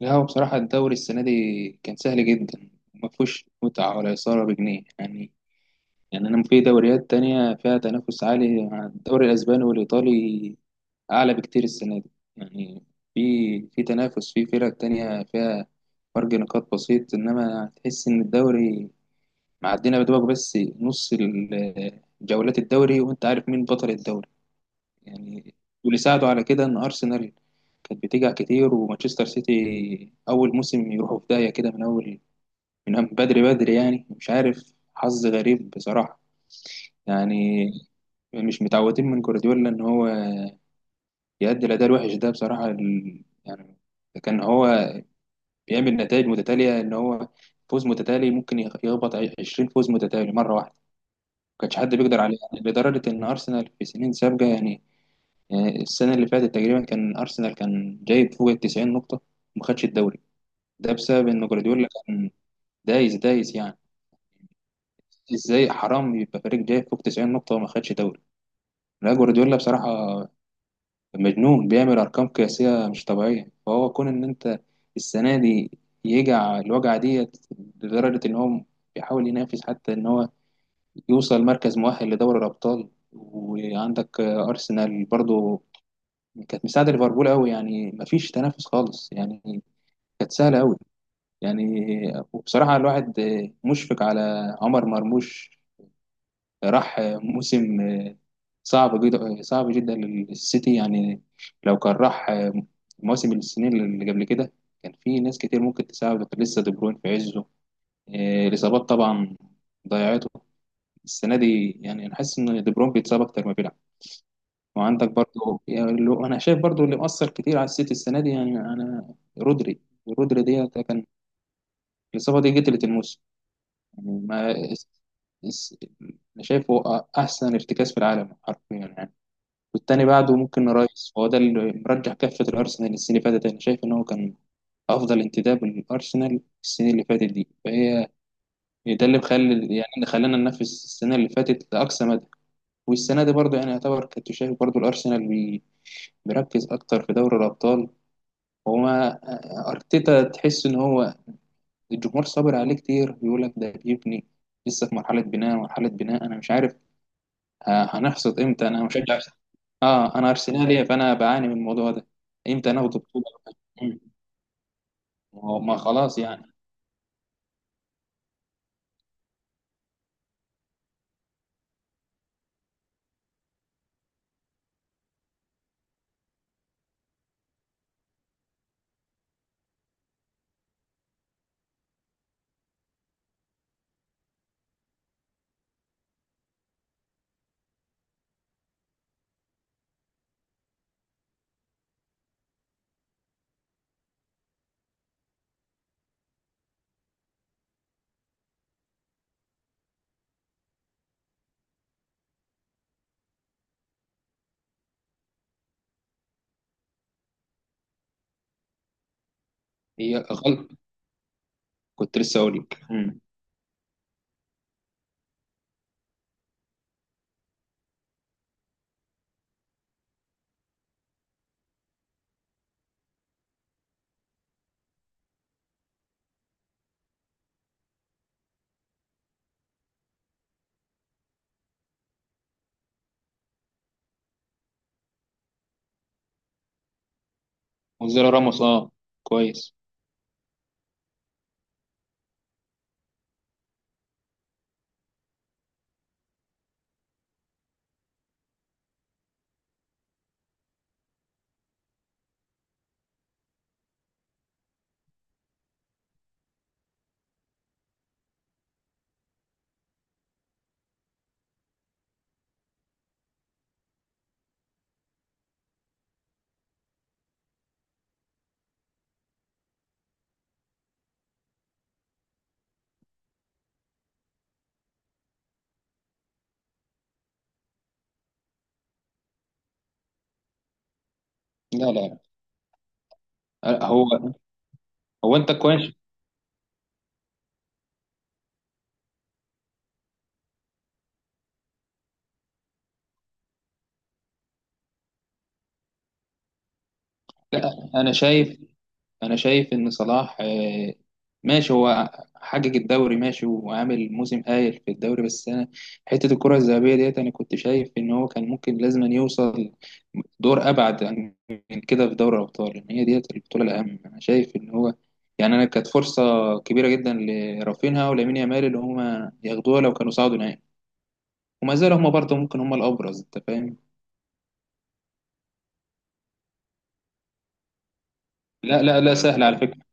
لا، هو بصراحة الدوري السنة دي كان سهل جدا وما فيهوش متعة ولا إثارة بجنيه يعني أنا في دوريات تانية فيها تنافس عالي، الدوري الأسباني والإيطالي أعلى بكتير السنة دي. يعني في في تنافس، في فرق تانية فيها فرق نقاط بسيط، إنما تحس إن الدوري معدينا بدوبك بس نص جولات الدوري وأنت عارف مين بطل الدوري يعني. واللي ساعده على كده إن أرسنال كانت بتيجي كتير، ومانشستر سيتي اول موسم يروحوا في داهيه كده من اول، من بدري بدري يعني، مش عارف، حظ غريب بصراحه يعني. مش متعودين من جوارديولا ان هو يأدي الاداء الوحش ده بصراحه يعني. كان هو بيعمل نتائج متتاليه، ان هو فوز متتالي، ممكن يخبط 20 فوز متتالي مره واحده، ما كانش حد بيقدر عليه يعني، لدرجه ان ارسنال في سنين سابقه يعني. يعني السنه اللي فاتت تقريبا كان ارسنال كان جايب فوق ال 90 نقطه وما خدش الدوري، ده بسبب ان جوارديولا كان دايس دايس يعني. ازاي حرام يبقى فريق جاي فوق 90 نقطة وما خدش دوري؟ لا، جوارديولا بصراحة مجنون، بيعمل ارقام قياسية مش طبيعية. فهو كون ان انت السنة دي يجع الوجعة ديت، لدرجة ان هو بيحاول ينافس حتى ان هو يوصل مركز مؤهل لدوري الابطال. وعندك ارسنال برضو كانت مساعدة ليفربول قوي، يعني مفيش تنافس خالص يعني، كانت سهلة قوي يعني. وبصراحة الواحد مشفق على عمر مرموش، راح موسم صعب جدا صعب جدا للسيتي يعني. لو كان راح موسم السنين اللي قبل كده كان في ناس كتير ممكن تساعده، كان لسه دي بروين في عزه، إيه، الإصابات طبعا ضيعته السنة دي. يعني أنا حاسس إن دي بروين بيتصاب أكتر ما بيلعب. وعندك برضه يعني أنا شايف برضه اللي مأثر كتير على السيتي السنة دي، يعني أنا رودري، ديت كان الإصابة دي قتلت الموسم يعني. ما اس- أنا شايفه أحسن ارتكاز في العالم حرفيا يعني. والتاني بعده ممكن رايس، فهو ده اللي مرجح كفة الأرسنال السنة اللي فاتت. أنا شايف إن هو كان أفضل انتداب للأرسنال السنة اللي فاتت دي، فهي ده اللي مخلي يعني اللي خلانا ننافس السنة اللي فاتت لأقصى مدى. والسنة دي برضه يعني يعتبر كنت شايف برضه الأرسنال بيركز أكتر في دوري الأبطال. وما أرتيتا، تحس إن هو الجمهور صابر عليه كتير، بيقول لك ده بيبني، لسه في مرحلة بناء، مرحلة بناء. أنا مش عارف هنحصد امتى، انا مشجع. اه، انا ارسنالي فانا بعاني من الموضوع ده، امتى ناخد بطوله. مم. ما خلاص يعني. هي غلط. كنت لسه اقول لك. مم. وزيرو راموس، اه كويس. لا لا، هو، انت كويس. لا، انا شايف، انا شايف ان صلاح، آه، ماشي هو حقق الدوري ماشي، وعامل موسم هايل في الدوري. بس انا حته الكره الذهبيه ديت انا كنت شايف ان هو كان ممكن لازم أن يوصل دور ابعد من كده في دوري الابطال، ان هي ديت البطوله الاهم. انا شايف ان هو يعني انا كانت فرصه كبيره جدا لرافينها ولامين يامال، اللي هما ياخدوها لو كانوا صعدوا نهائي. وما زالوا هما برضه ممكن هما الابرز، انت فاهم. لا لا لا، سهل على فكره.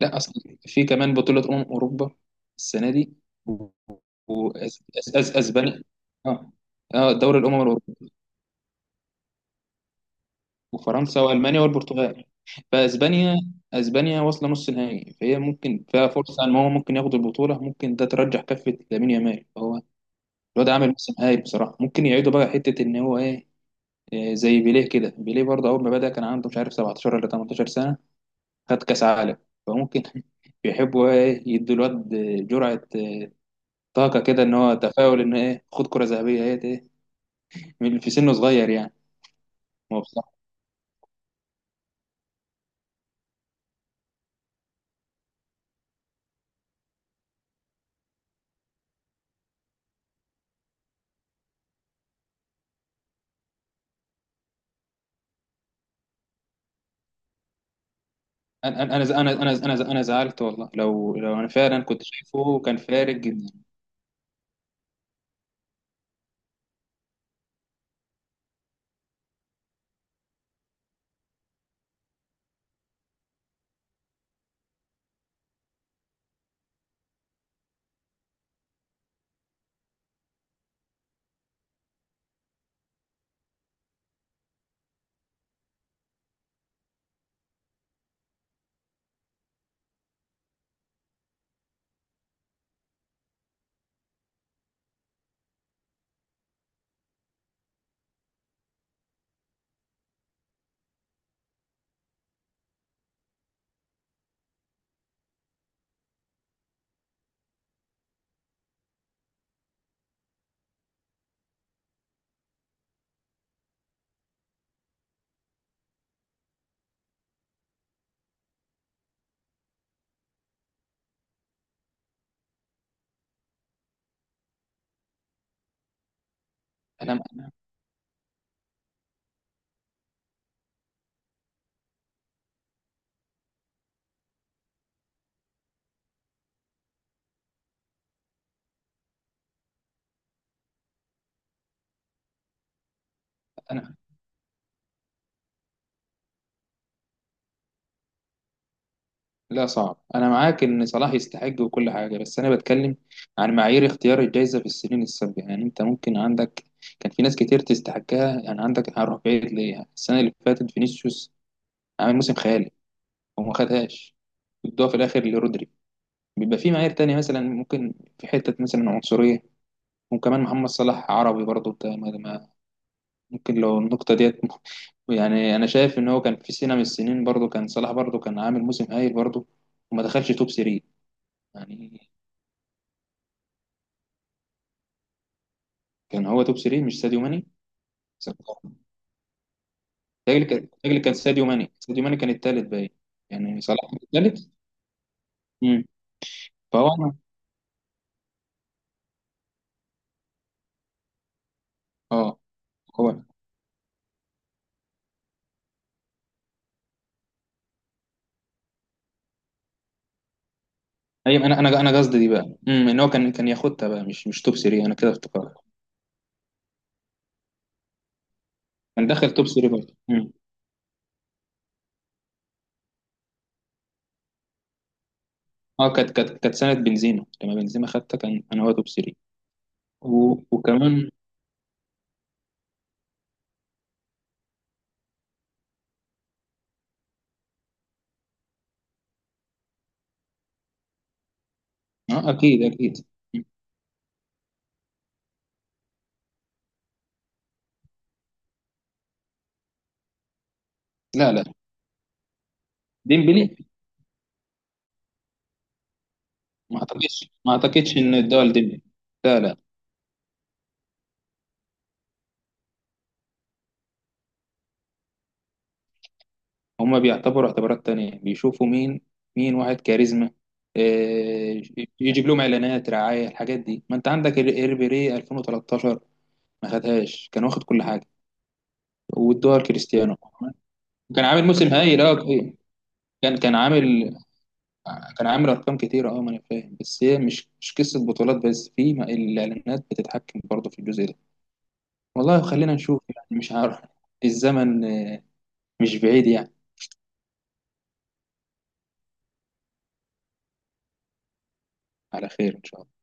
لا اصل في كمان بطوله اوروبا السنه دي، اسبانيا. اه. اه، دوري الامم الاوروبيه، وفرنسا والمانيا والبرتغال. فاسبانيا، اسبانيا واصله نص نهائي، فهي ممكن فيها فرصه ان هو ممكن ياخد البطوله، ممكن ده ترجح كفه لامين يامال. فهو الواد عامل موسم هايل بصراحه، ممكن يعيدوا بقى حته ان هو ايه، إيه زي بيليه كده، بيليه برضه اول ما بدا كان عنده مش عارف 17 ولا 18 سنه، خد كاس عالم، فممكن بيحبوا ايه يدوا الواد جرعه، إيه، طاقه كده ان هو تفاؤل ان ايه، خد كره ذهبيه ايه، إيه، في سنه صغير يعني. انا انا انا انا انا انا أنا زعلت والله، لو انا فعلا كنت شايفه كان فارق جدا. انا انا أنا- لا، صعب، انا معاك ان صلاح يستحق وكل حاجه، بس انا بتكلم عن معايير اختيار الجائزه في السنين السابقه يعني. انت ممكن عندك كان في ناس كتير تستحقها، يعني عندك، هروح بعيد ليه، السنه اللي فاتت فينيسيوس عامل موسم خيالي وما خدهاش، بيدوها في الاخر لرودري. بيبقى في معايير تانية، مثلا ممكن في حته مثلا عنصريه، وكمان محمد صلاح عربي برضه، ممكن لو النقطة ديت يعني أنا شايف إن هو كان في سنة من السنين برضه كان صلاح برضه كان عامل موسم هايل برضه، وما دخلش توب 3. يعني كان هو توب 3 مش ساديو ماني، تاجل كان، ساديو ماني، كان التالت باين. يعني صلاح كان التالت. امم، فهو أنا، أه هو، أيوة أنا أنا أنا قصدي دي بقى. امم، إن هو كان ياخدها بقى، مش توب 3، أنا كده افتكرت. كان دخل توب 3 برضه، امم. أه، كانت سنة بنزيما، لما بنزيما خدتها كان أنا هو توب 3. وكمان. أه أكيد أكيد. لا لا، ديمبلي. ما اعتقدش ان الدول ديمبلي. لا لا، هما بيعتبروا اعتبارات تانية، بيشوفوا مين، واحد كاريزما، آه، يجيب لهم اعلانات رعاية، الحاجات دي. ما انت عندك الريبيري 2013 ما خدهاش كان واخد كل حاجة والدول كريستيانو. كان عامل موسم هايل، اه، إيه. كان عامل، كان عامل ارقام كتيرة، اه، ما انا فاهم. بس هي مش قصة بطولات بس، في الاعلانات بتتحكم برضه في الجزء ده. والله خلينا نشوف يعني، مش عارف. الزمن مش بعيد يعني. على خير إن شاء الله.